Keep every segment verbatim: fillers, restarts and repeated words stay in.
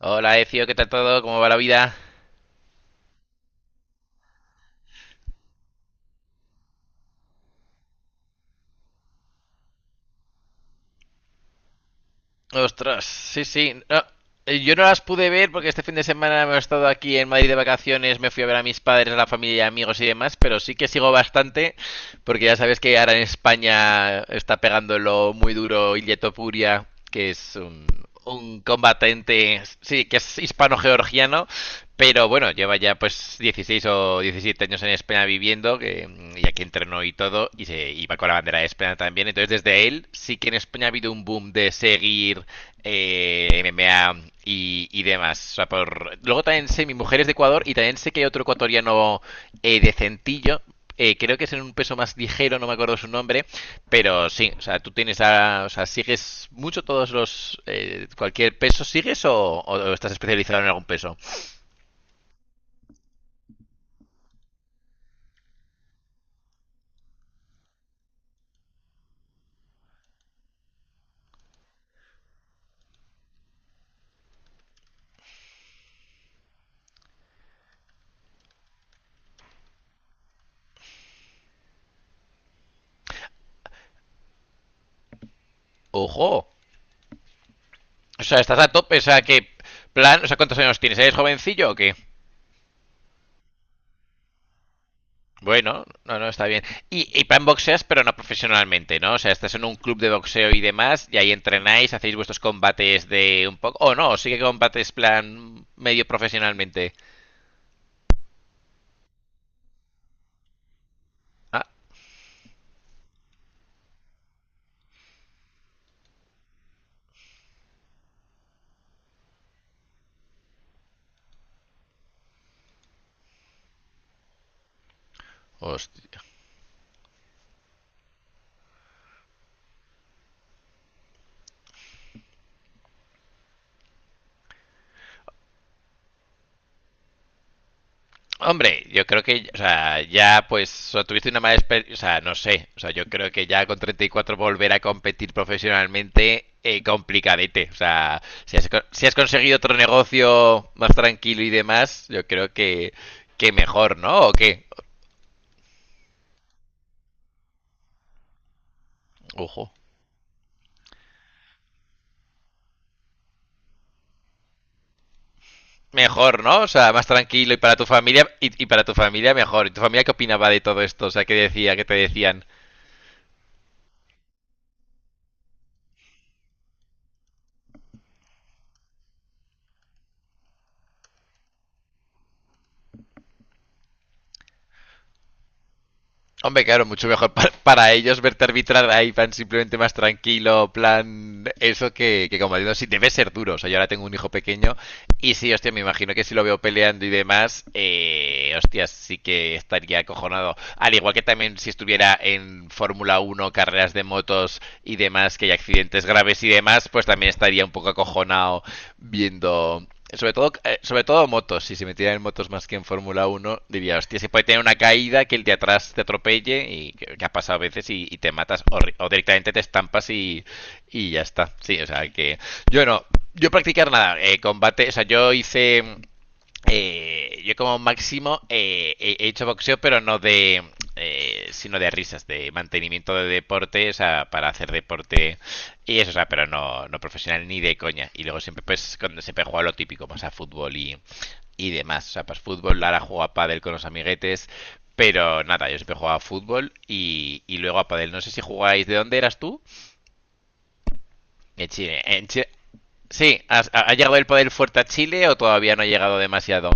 Hola, Ecio, ¿qué tal todo? ¿Cómo va la vida? Ostras, sí, sí. No, eh, yo no las pude ver porque este fin de semana me he estado aquí en Madrid de vacaciones, me fui a ver a mis padres, a la familia, amigos y demás, pero sí que sigo bastante porque ya sabes que ahora en España está pegándolo muy duro Ilieto Puria, que es un, un combatiente, sí, que es hispano-georgiano. Pero bueno, lleva ya pues dieciséis o diecisiete años en España viviendo, que, y aquí entrenó y todo, y se iba con la bandera de España también. Entonces desde él sí que en España ha habido un boom de seguir eh, M M A y, y demás. O sea, por... luego también sé, mi mujer es de Ecuador y también sé que hay otro ecuatoriano eh, decentillo, eh, creo que es en un peso más ligero, no me acuerdo su nombre, pero sí, o sea, tú tienes a, o sea, sigues mucho todos los, eh, cualquier peso, ¿sigues o, o estás especializado en algún peso? Ojo. O sea, estás a tope. O sea, que plan. O sea, ¿cuántos años tienes? ¿Eres jovencillo o qué? Bueno, no, no, está bien. Y, y plan boxeas, pero no profesionalmente, ¿no? O sea, estás en un club de boxeo y demás, y ahí entrenáis, hacéis vuestros combates de un poco. O oh, no, sí que combates plan medio profesionalmente. Ah, hostia. Hombre, yo creo que, o sea, ya pues o sea, tuviste una mala experiencia, o sea, no sé, o sea, yo creo que ya con treinta y cuatro volver a competir profesionalmente, eh, complicadete, o sea, si has, co- si has conseguido otro negocio más tranquilo y demás, yo creo que, que mejor, ¿no? ¿O qué? Ojo. Mejor, ¿no? O sea, más tranquilo y para tu familia, y, y para tu familia mejor. ¿Y tu familia qué opinaba de todo esto? O sea, ¿qué decía, qué te decían? Hombre, claro, mucho mejor pa- para ellos verte arbitrar ahí, plan simplemente más tranquilo, plan eso que, que como digo, sí, debe ser duro. O sea, yo ahora tengo un hijo pequeño y sí, hostia, me imagino que si lo veo peleando y demás, eh, hostia, sí que estaría acojonado. Al igual que también si estuviera en Fórmula Uno carreras de motos y demás, que hay accidentes graves y demás, pues también estaría un poco acojonado viendo. Sobre todo, eh, sobre todo motos, si se metiera en motos más que en Fórmula Uno diría, hostia, se puede tener una caída que el de atrás te atropelle y que, que ha pasado a veces y, y te matas o, o directamente te estampas y, y ya está. Sí, o sea que yo no, yo practicar nada, eh, combate, o sea, yo hice, eh, yo como máximo eh, he hecho boxeo, pero no de, eh, sino de risas, de mantenimiento de deporte, o sea, para hacer deporte y eso, o sea, pero no, no profesional ni de coña. Y luego siempre, pues, cuando siempre he jugado lo típico, más a fútbol y, y demás. O sea, pues fútbol, Lara juega a pádel con los amiguetes, pero nada, yo siempre jugaba a fútbol y, y luego a pádel. No sé si jugáis, ¿de dónde eras tú? En Chile. En Chi- Sí, ¿ha, ha llegado el poder fuerte a Chile o todavía no ha llegado demasiado?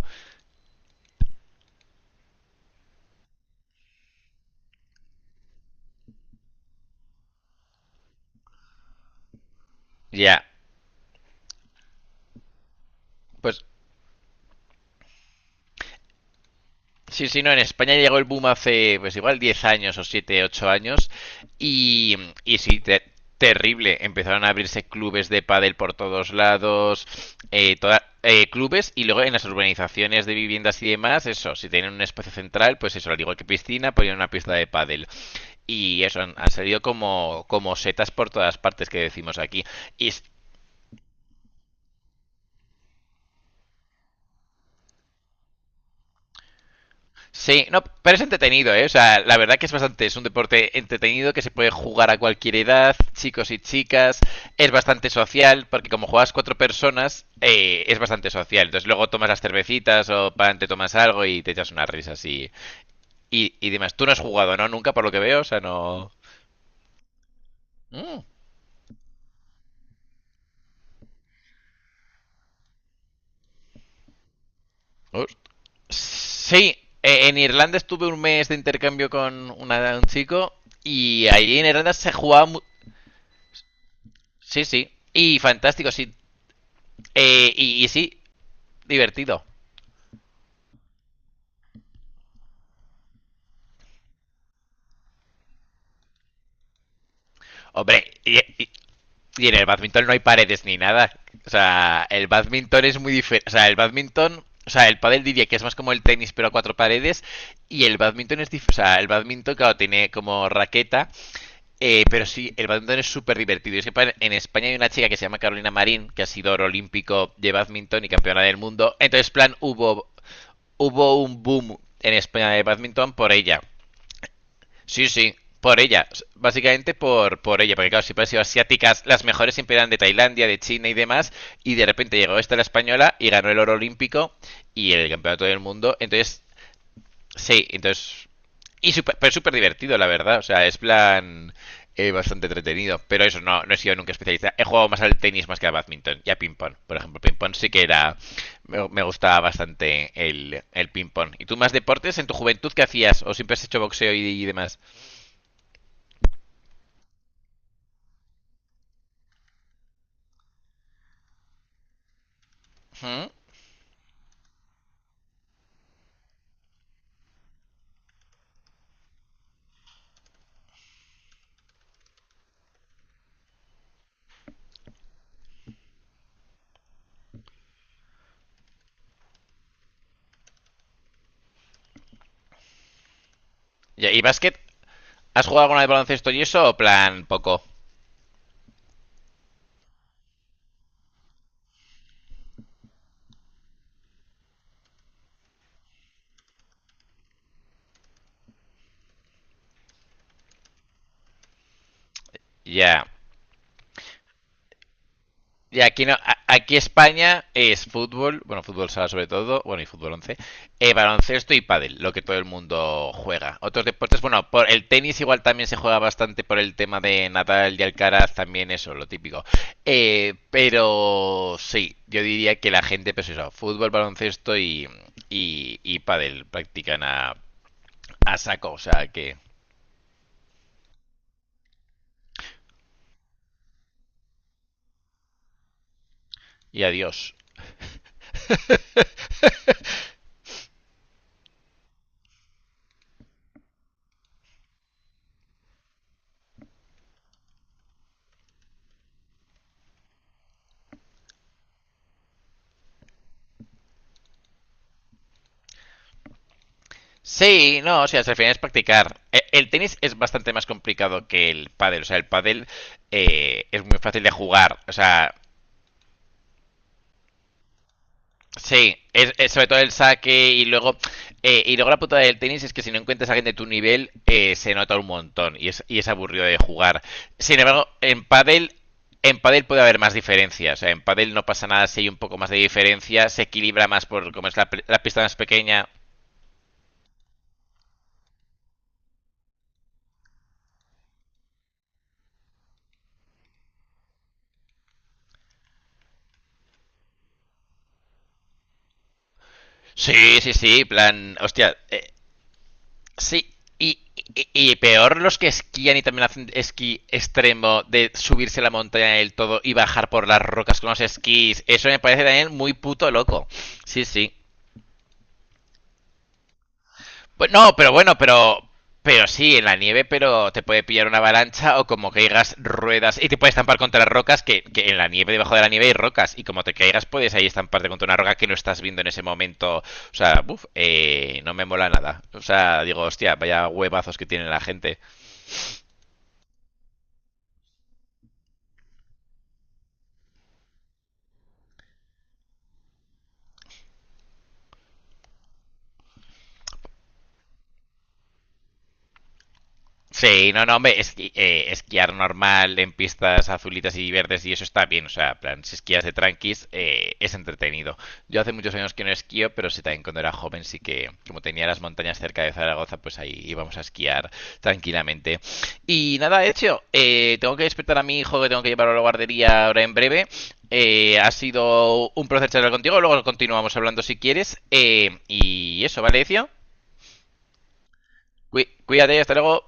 Ya. Pues sí, sí, no, en España llegó el boom hace, pues igual diez años o siete, ocho años y, y sí, te- terrible. Empezaron a abrirse clubes de pádel por todos lados, eh, toda- eh, clubes y luego en las urbanizaciones de viviendas y demás, eso, si tienen un espacio central, pues eso, al igual que piscina, ponían una pista de pádel. Y eso, han, han salido como, como setas por todas partes que decimos aquí. Y sí, no, pero es entretenido, ¿eh? O sea, la verdad que es bastante, es un deporte entretenido que se puede jugar a cualquier edad, chicos y chicas, es bastante social, porque como juegas cuatro personas, eh, es bastante social. Entonces luego tomas las cervecitas o pan, te tomas algo y te echas unas risas y, y, y demás. Tú no has jugado, ¿no? Nunca, por lo que veo, o sea, no. Mm, host- sí, eh, en Irlanda estuve un mes de intercambio con una- un chico y ahí en Irlanda se jugaba mu- sí, sí. Y fantástico, sí. Eh, y, y sí, divertido. Hombre, y, y- y en el badminton no hay paredes ni nada. O sea, el badminton es muy diferente. O sea, el badminton. O sea, el pádel diría que es más como el tenis, pero a cuatro paredes. Y el badminton es diferente. O sea, el badminton, claro, tiene como raqueta. Eh, pero sí, el badminton es súper divertido. Es que en España hay una chica que se llama Carolina Marín, que ha sido oro olímpico de badminton y campeona del mundo. Entonces, plan, hubo, hubo un boom en España de badminton por ella. Sí, sí, por ella. s- Básicamente por, por ella, porque claro, siempre han sido asiáticas. Las mejores siempre eran de Tailandia, de China y demás. Y de repente llegó esta la española y ganó el oro olímpico y el campeonato del mundo. Entonces, sí, entonces. Y súper pero súper divertido, la verdad. O sea, es plan eh, bastante entretenido. Pero eso, no, no he sido nunca especialista. He jugado más al tenis más que al badminton y a ping-pong. Por ejemplo, ping-pong sí que era. Me, me gustaba bastante el, el ping-pong. ¿Y tú más deportes en tu juventud qué hacías? ¿O siempre has hecho boxeo y, y demás? Ujú. Ya, ¿y básquet? ¿Has jugado alguna vez baloncesto y eso o plan poco? Ya. Y aquí no, a- aquí España es fútbol, bueno, fútbol sala sobre todo, bueno, y fútbol once, eh, baloncesto y pádel, lo que todo el mundo juega. Otros deportes, bueno, por el tenis igual también se juega bastante por el tema de Nadal y Alcaraz, también eso, lo típico. Eh, pero sí, yo diría que la gente, pues eso, fútbol, baloncesto y, y, y pádel practican a, a saco, o sea que. Y adiós. Sí, no, o sea, al final es practicar. E- El tenis es bastante más complicado que el pádel, o sea, el pádel eh, es muy fácil de jugar, o sea, sí, es, es sobre todo el saque y luego eh, y luego la putada del tenis es que si no encuentras a alguien de tu nivel eh, se nota un montón y es, y es aburrido de jugar. Sin embargo, en pádel en pádel puede haber más diferencias, o sea, en pádel no pasa nada si hay un poco más de diferencia, se equilibra más por como es la, pl- la pista más pequeña. Sí, sí, sí, plan, hostia, eh, sí, y, y- y peor los que esquían y también hacen esquí extremo de subirse a la montaña del todo y bajar por las rocas con los esquís. Eso me parece también muy puto loco. Sí, sí. Pues no, pero bueno, pero. Pero sí, en la nieve, pero te puede pillar una avalancha o como caigas ruedas y te puedes estampar contra las rocas, que, que en la nieve, debajo de la nieve hay rocas, y como te caigas puedes ahí estamparte contra una roca que no estás viendo en ese momento. O sea, buf, eh, no me mola nada. O sea, digo, hostia, vaya huevazos que tiene la gente. Sí, no, no, hombre, esqui- eh, esquiar normal en pistas azulitas y verdes y eso está bien, o sea, en plan, si esquías de tranquis, eh, es entretenido. Yo hace muchos años que no esquío, pero sí también cuando era joven sí que, como tenía las montañas cerca de Zaragoza, pues ahí íbamos a esquiar tranquilamente. Y nada, hecho, eh, tengo que despertar a mi hijo que tengo que llevarlo a la guardería ahora en breve. Eh, ha sido un placer charlar contigo, luego continuamos hablando si quieres. Eh, y eso, ¿vale, Ezio? Cuí- Cuídate, hasta luego.